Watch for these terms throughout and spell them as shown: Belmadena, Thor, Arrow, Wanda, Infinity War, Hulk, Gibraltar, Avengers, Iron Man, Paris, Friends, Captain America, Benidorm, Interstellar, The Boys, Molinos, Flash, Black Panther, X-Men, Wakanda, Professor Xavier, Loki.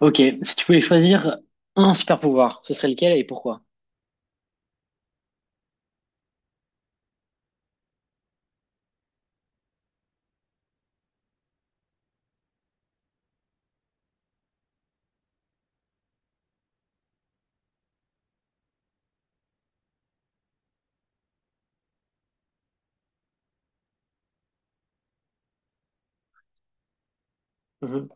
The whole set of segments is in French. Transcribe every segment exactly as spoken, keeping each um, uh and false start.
Ok, si tu pouvais choisir un super pouvoir, ce serait lequel et pourquoi? Mhm.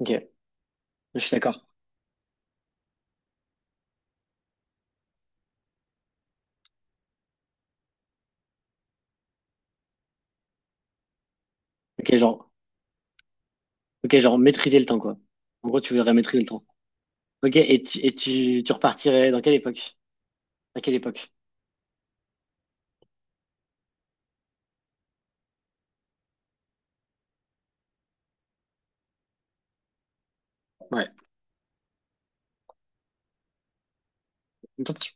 Ok, je suis d'accord. Ok, genre, ok, genre maîtriser le temps, quoi. En gros, tu voudrais maîtriser le temps. Ok, et tu, et tu, tu repartirais dans quelle époque? À quelle époque? Ouais. En même temps, tu-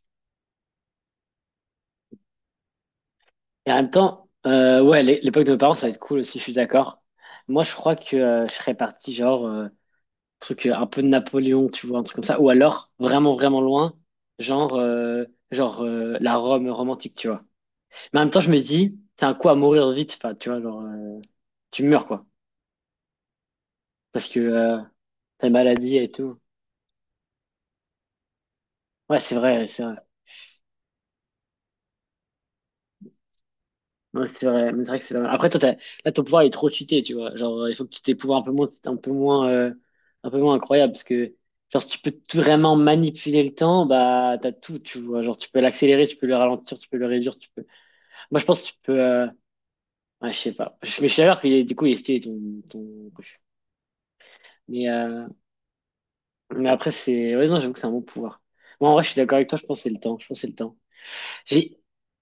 Et en même temps, euh, ouais, l'é- l'époque de nos parents, ça va être cool aussi, je suis d'accord. Moi, je crois que euh, je serais parti, genre, euh, truc euh, un peu de Napoléon, tu vois, un truc comme ça. Ou alors, vraiment, vraiment loin, genre, euh, genre euh, la Rome romantique, tu vois. Mais en même temps, je me dis, c'est un coup à mourir vite. Enfin, tu vois, genre, euh, tu meurs, quoi. Parce que euh, t'as une maladie et tout. Ouais, c'est vrai, c'est vrai. Ouais, c'est vrai. Mais c'est vrai que c'est pas mal. Après, toi, t'as- là, ton pouvoir il est trop cheaté, tu vois. Genre, euh, il faut que tu aies des pouvoirs un peu moins, un peu moins, euh, un peu moins incroyables. Parce que, genre, si tu peux tout vraiment manipuler le temps, bah, t'as tout, tu vois. Genre, tu peux l'accélérer, tu peux le ralentir, tu peux le réduire, tu peux. Moi, je pense que tu peux. euh, Ouais, je sais pas. Je, mais je suis d'accord qu'il est, du coup, il est stylé, ton, ton... Mais, euh, mais après, c'est. Ouais, non, j'avoue que c'est un bon pouvoir. Moi, en vrai, je suis d'accord avec toi, je pense que c'est le temps. Je pense que c'est le temps. J'ai.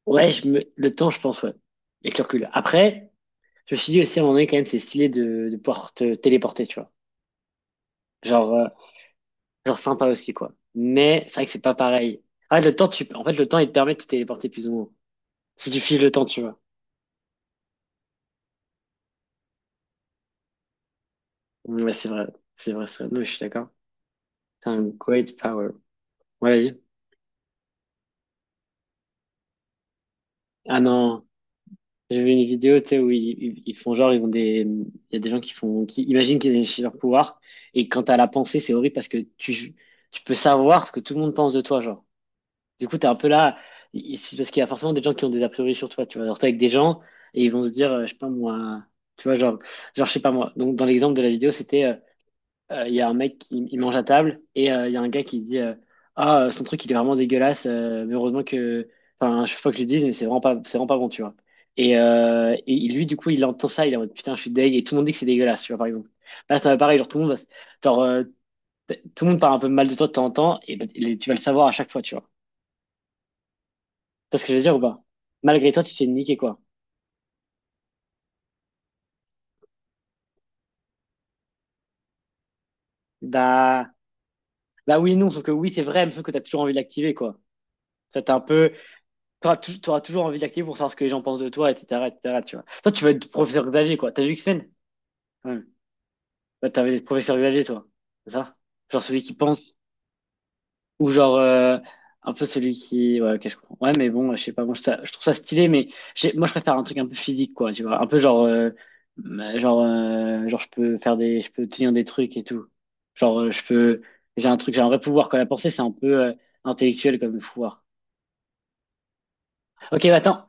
Ouais, je me... le temps, je pense, ouais. Avec le recul. Après, je me suis dit aussi, à un moment donné, quand même, c'est stylé de, de pouvoir te téléporter, tu vois. Genre, euh, genre sympa aussi, quoi. Mais c'est vrai que c'est pas pareil. En fait, le temps, tu... en fait, le temps, il te permet de te téléporter plus ou moins. Si tu files le temps, tu vois. Ouais, c'est vrai. C'est vrai, c'est vrai. Non, je suis d'accord. C'est un great power. Ouais, vas-y. Ah non. J'ai vu une vidéo, tu sais, où ils, ils- ils font genre, ils ont des, il y a des gens qui font, qui imaginent qu'ils ont des super pouvoirs, et quand t'as la pensée, c'est horrible parce que tu, tu peux savoir ce que tout le monde pense de toi, genre. Du coup, t'es un peu là, il- parce qu'il y a forcément des gens qui ont des a priori sur toi, tu vois. Alors, t'es avec des gens, et ils vont se dire, euh, je sais pas moi, tu vois, genre, genre, je sais pas moi. Donc, dans l'exemple de la vidéo, c'était, euh, euh, il y a un mec qui il mange à table et euh, il y a un gars qui dit euh, ah, euh, son truc, il est vraiment dégueulasse, euh, mais heureusement que. Enfin, je faut que je le dise, mais c'est vraiment pas, c'est vraiment pas bon, tu vois. Et, euh, et lui, du coup, il entend ça, il est en mode putain, je suis deg, et tout le monde dit que c'est dégueulasse, tu vois, par exemple. Là, t'as- pareil, genre, tout le monde va, s- genre, euh, t- tout le monde parle un peu mal de toi de temps en temps, et, bah, et tu vas le savoir à chaque fois, tu vois. Tu vois ce que je veux dire ou pas? Malgré toi, tu t'es niqué, quoi. Bah, bah oui, et non, sauf que oui, c'est vrai, mais sauf que t'as toujours envie de l'activer, quoi. Ça, t'es un peu. T'auras tou- t'auras toujours envie d'activer pour savoir ce que les gens pensent de toi, et cetera, et cetera, tu vois. Toi, tu vas être professeur Xavier, quoi. T'as vu X-Men? Ouais. Bah, t'avais des professeurs Xavier, toi. C'est ça? Genre celui qui pense, ou genre euh, un peu celui qui... Ouais, ok, je comprends. Ouais, mais bon, je sais pas, moi, je, ça- je trouve ça stylé, mais j'ai- moi, je préfère un truc un peu physique, quoi, tu vois. Un peu genre... euh, genre, euh, genre, je peux faire des... Je peux tenir des trucs et tout. Genre, euh, je peux... J'ai un truc, j'ai un vrai pouvoir, quand la pensée, c'est un peu euh, intellectuel comme pouvoir. Ok, bah, attends.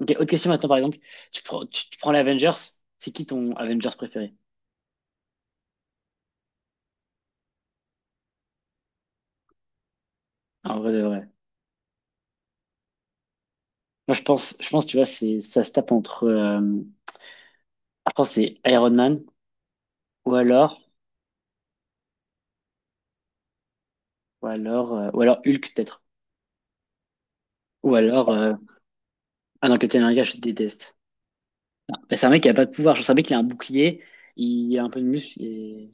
Ok, autre question maintenant, par exemple. Tu prends, tu, tu prends les Avengers. C'est qui ton Avengers préféré? En vrai de vrai. Moi, je pense, je pense, tu vois, c'est, ça se tape entre, euh, je pense, que c'est Iron Man, ou alors, ou alors, euh, ou alors Hulk, peut-être. Ou alors, euh, ah non, Captain America, je déteste. Bah, c'est un mec qui a pas de pouvoir. Je sais, un mec qui a un bouclier, il a un peu de muscle, et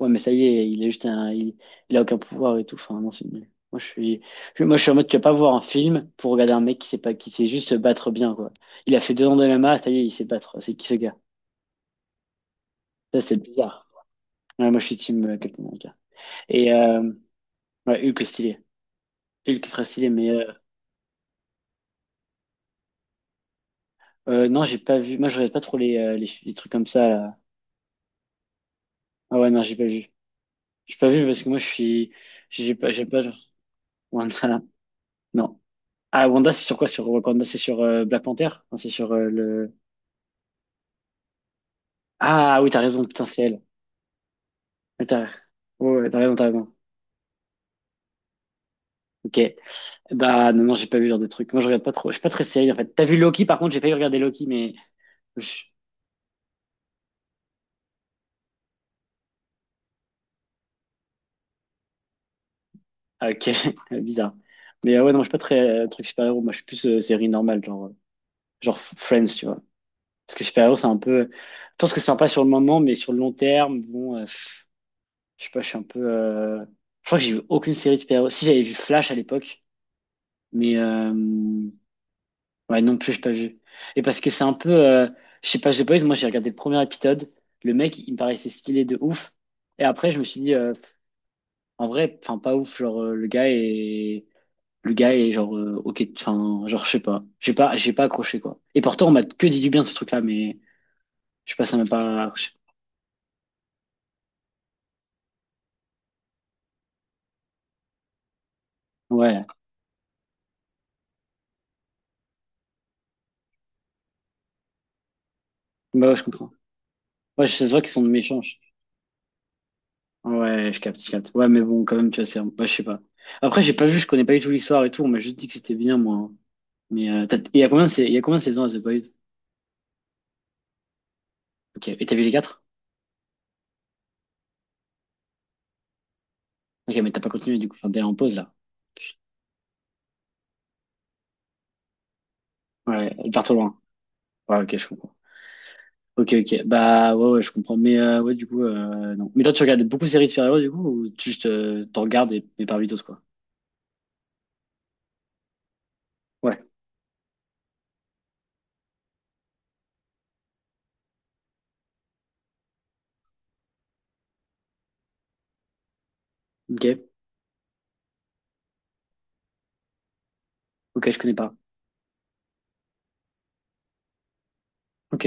ouais, mais ça y est, il est juste un, il, il a aucun pouvoir et tout. Enfin, non, c'est nul. Moi, je suis, je- moi, je suis en mode, tu vas pas voir un film pour regarder un mec qui sait pas, qui sait juste se battre bien, quoi. Il a fait deux ans de M M A, ça y est, il sait battre. C'est qui ce gars? Ça, c'est bizarre. Ouais, moi, je suis team euh, Captain America. Et, euh, ouais, Hulk est stylé. Hulk est très stylé, mais, euh, euh, non, j'ai pas vu. Moi, je regarde pas trop les, euh, les, les trucs comme ça, là. Ah ouais, non, j'ai pas vu. J'ai pas vu parce que moi, je suis, j'ai pas, j'ai pas, genre, Wanda, non. Ah, Wanda, c'est sur quoi? Sur Wakanda, c'est sur euh, Black Panther? Non, c'est sur euh, le, ah oui, t'as raison, putain, c'est elle. Ouais, T'as ouais, ouais, t'as raison, t'as raison. Ok. Bah non, non, j'ai pas vu ce genre de truc. Moi, je regarde pas trop. Je suis pas très série, en fait. T'as vu Loki, par contre, j'ai failli regarder Loki, mais... je- ah, ok, bizarre. Mais euh, ouais, non, je suis pas très euh, truc super-héros. Moi, je suis plus euh, série normale, genre, euh, genre Friends, tu vois. Parce que super-héros, c'est un peu... Je pense que c'est sympa sur le moment, mais sur le long terme, bon, euh, pff, je sais pas, je suis un peu... euh, je crois que j'ai vu aucune série de super-héros. Si, j'avais vu Flash à l'époque, mais... euh, Ouais, non plus, j'ai pas vu. Et parce que c'est un peu. euh, Je sais pas, j'ai pas vu, moi j'ai regardé le premier épisode. Le mec, il me paraissait stylé de ouf. Et après, je me suis dit, euh, en vrai, enfin, pas ouf. Genre, euh, le gars est. Le gars est genre, euh, ok, enfin, genre, je sais pas. J'ai pas, j'ai pas accroché, quoi. Et pourtant, on m'a que dit du bien de ce truc-là, mais je sais pas, ça m'a pas accroché. Ouais, bah ouais, je comprends. Ouais, je vrai qu'ils sont de méchants. je- Ouais, je capte, je capte. Ouais, mais bon, quand même, tu vois, c'est. un- ouais, je sais pas. Après, j'ai pas vu, je connais pas du tout l'histoire et tout. On m'a juste dit que c'était bien, moi, hein. Mais euh, t'as- il y a combien de sais- il y a combien de saisons à The Boys? Ok, et t'as vu les quatre? Ok, mais t'as pas continué du coup, enfin, t'es en pause là. Ouais, elle part trop loin. Ouais, ok, je comprends. Ok, ok, bah ouais, ouais, je comprends. Mais euh, ouais, du coup, euh, non. Mais toi, tu regardes beaucoup de séries de super-héros du coup, ou tu juste euh, t'en regardes et, et par vitos quoi? Ouais, ok, ok, je connais pas. Ok,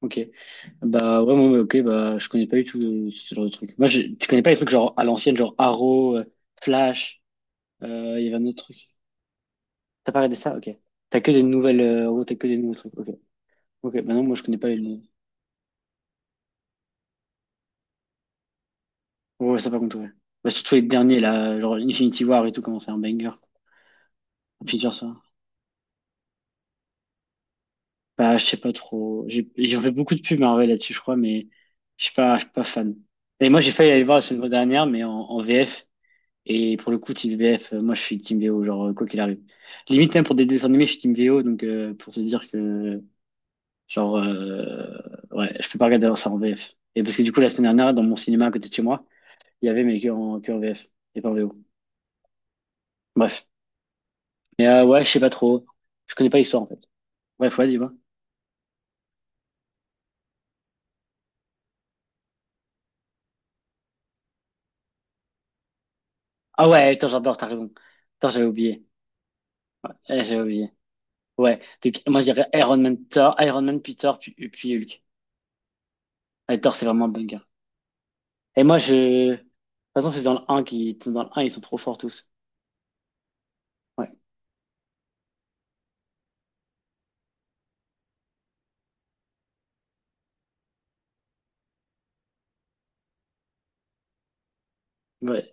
ok. Bah ouais, moi, ouais, ok, bah je connais pas du tout euh, ce genre de truc. Moi, je, tu connais pas les trucs genre à l'ancienne, genre Arrow, euh, Flash, euh, il y avait un autre truc. T'as pas regardé ça? Ok. T'as que des nouvelles, euh, en gros, t'as que des nouveaux trucs. Ok, ok, bah non, moi je connais pas les. Ouais, ouais, ça par contre, ouais. Bah, surtout les derniers, là, genre Infinity War et tout, comment c'est un banger. Plusieurs, ça. Bah, je sais pas trop. J'ai j'ai fait beaucoup de pubs Marvel là-dessus, je crois, mais je suis pas, je suis pas fan. Et moi, j'ai failli aller le voir la semaine dernière, mais en, en V F. Et pour le coup, Team V F, euh, moi, je suis Team V O, genre, euh, quoi qu'il arrive. Limite, même pour des dessins animés, je suis Team V O, donc euh, pour te dire que, genre, euh, ouais, je peux pas regarder ça en V F. Et parce que du coup, la semaine dernière, dans mon cinéma à côté de chez moi, il y avait, mais que en, que en V F, et pas en V O. Bref. Mais euh, ouais, je sais pas trop. Je connais pas l'histoire en fait. Bref, vas-y, va. Ah ouais, attends, j'adore, t'as raison. Attends, j'avais oublié. Eh, j'avais oublié. Ouais. Donc, moi, je dirais Iron Man, Thor, Iron Man, puis Thor, puis, puis Hulk. Ouais, Thor, c'est vraiment un bunker. Et moi, je. De toute façon, c'est dans le un qui. Dans le un ils sont trop forts tous. Ouais. Ouais,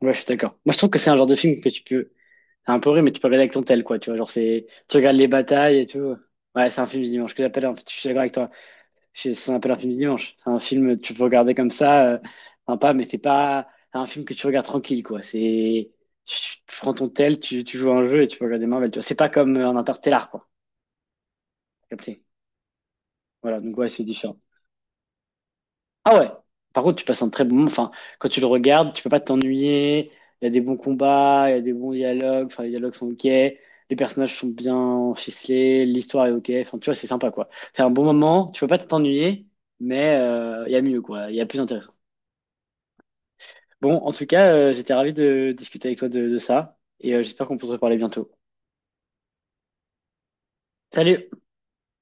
ouais je suis d'accord. Moi, je trouve que c'est un genre de film que tu peux. C'est un peu vrai, mais tu peux regarder avec ton tel, quoi. Tu vois, genre, c'est. Tu regardes les batailles et tout. Ouais, c'est un film du dimanche que j'appelle. En fait, je suis d'accord avec toi. C'est c'est un peu l'infini dimanche. C'est un film, que tu peux regarder comme ça, euh, sympa, mais c'est pas un film que tu regardes tranquille, quoi. C'est, tu, tu, prends ton tel, tu, tu joues à un jeu et tu peux regarder Marvel, tu vois. C'est pas comme euh, un Interstellar, quoi. T'as capté. Voilà, donc ouais, c'est différent. Ah ouais. Par contre, tu passes un très bon moment. Enfin, quand tu le regardes, tu peux pas t'ennuyer. Il y a des bons combats, il y a des bons dialogues. Enfin, les dialogues sont ok. Les personnages sont bien ficelés, l'histoire est ok. Enfin, tu vois, c'est sympa, quoi. C'est un bon moment. Tu peux pas t'ennuyer, mais euh, il y a mieux, quoi. Il y a plus intéressant. Bon, en tout cas, euh, j'étais ravi de discuter avec toi de, de ça et euh, j'espère qu'on peut se reparler bientôt. Salut!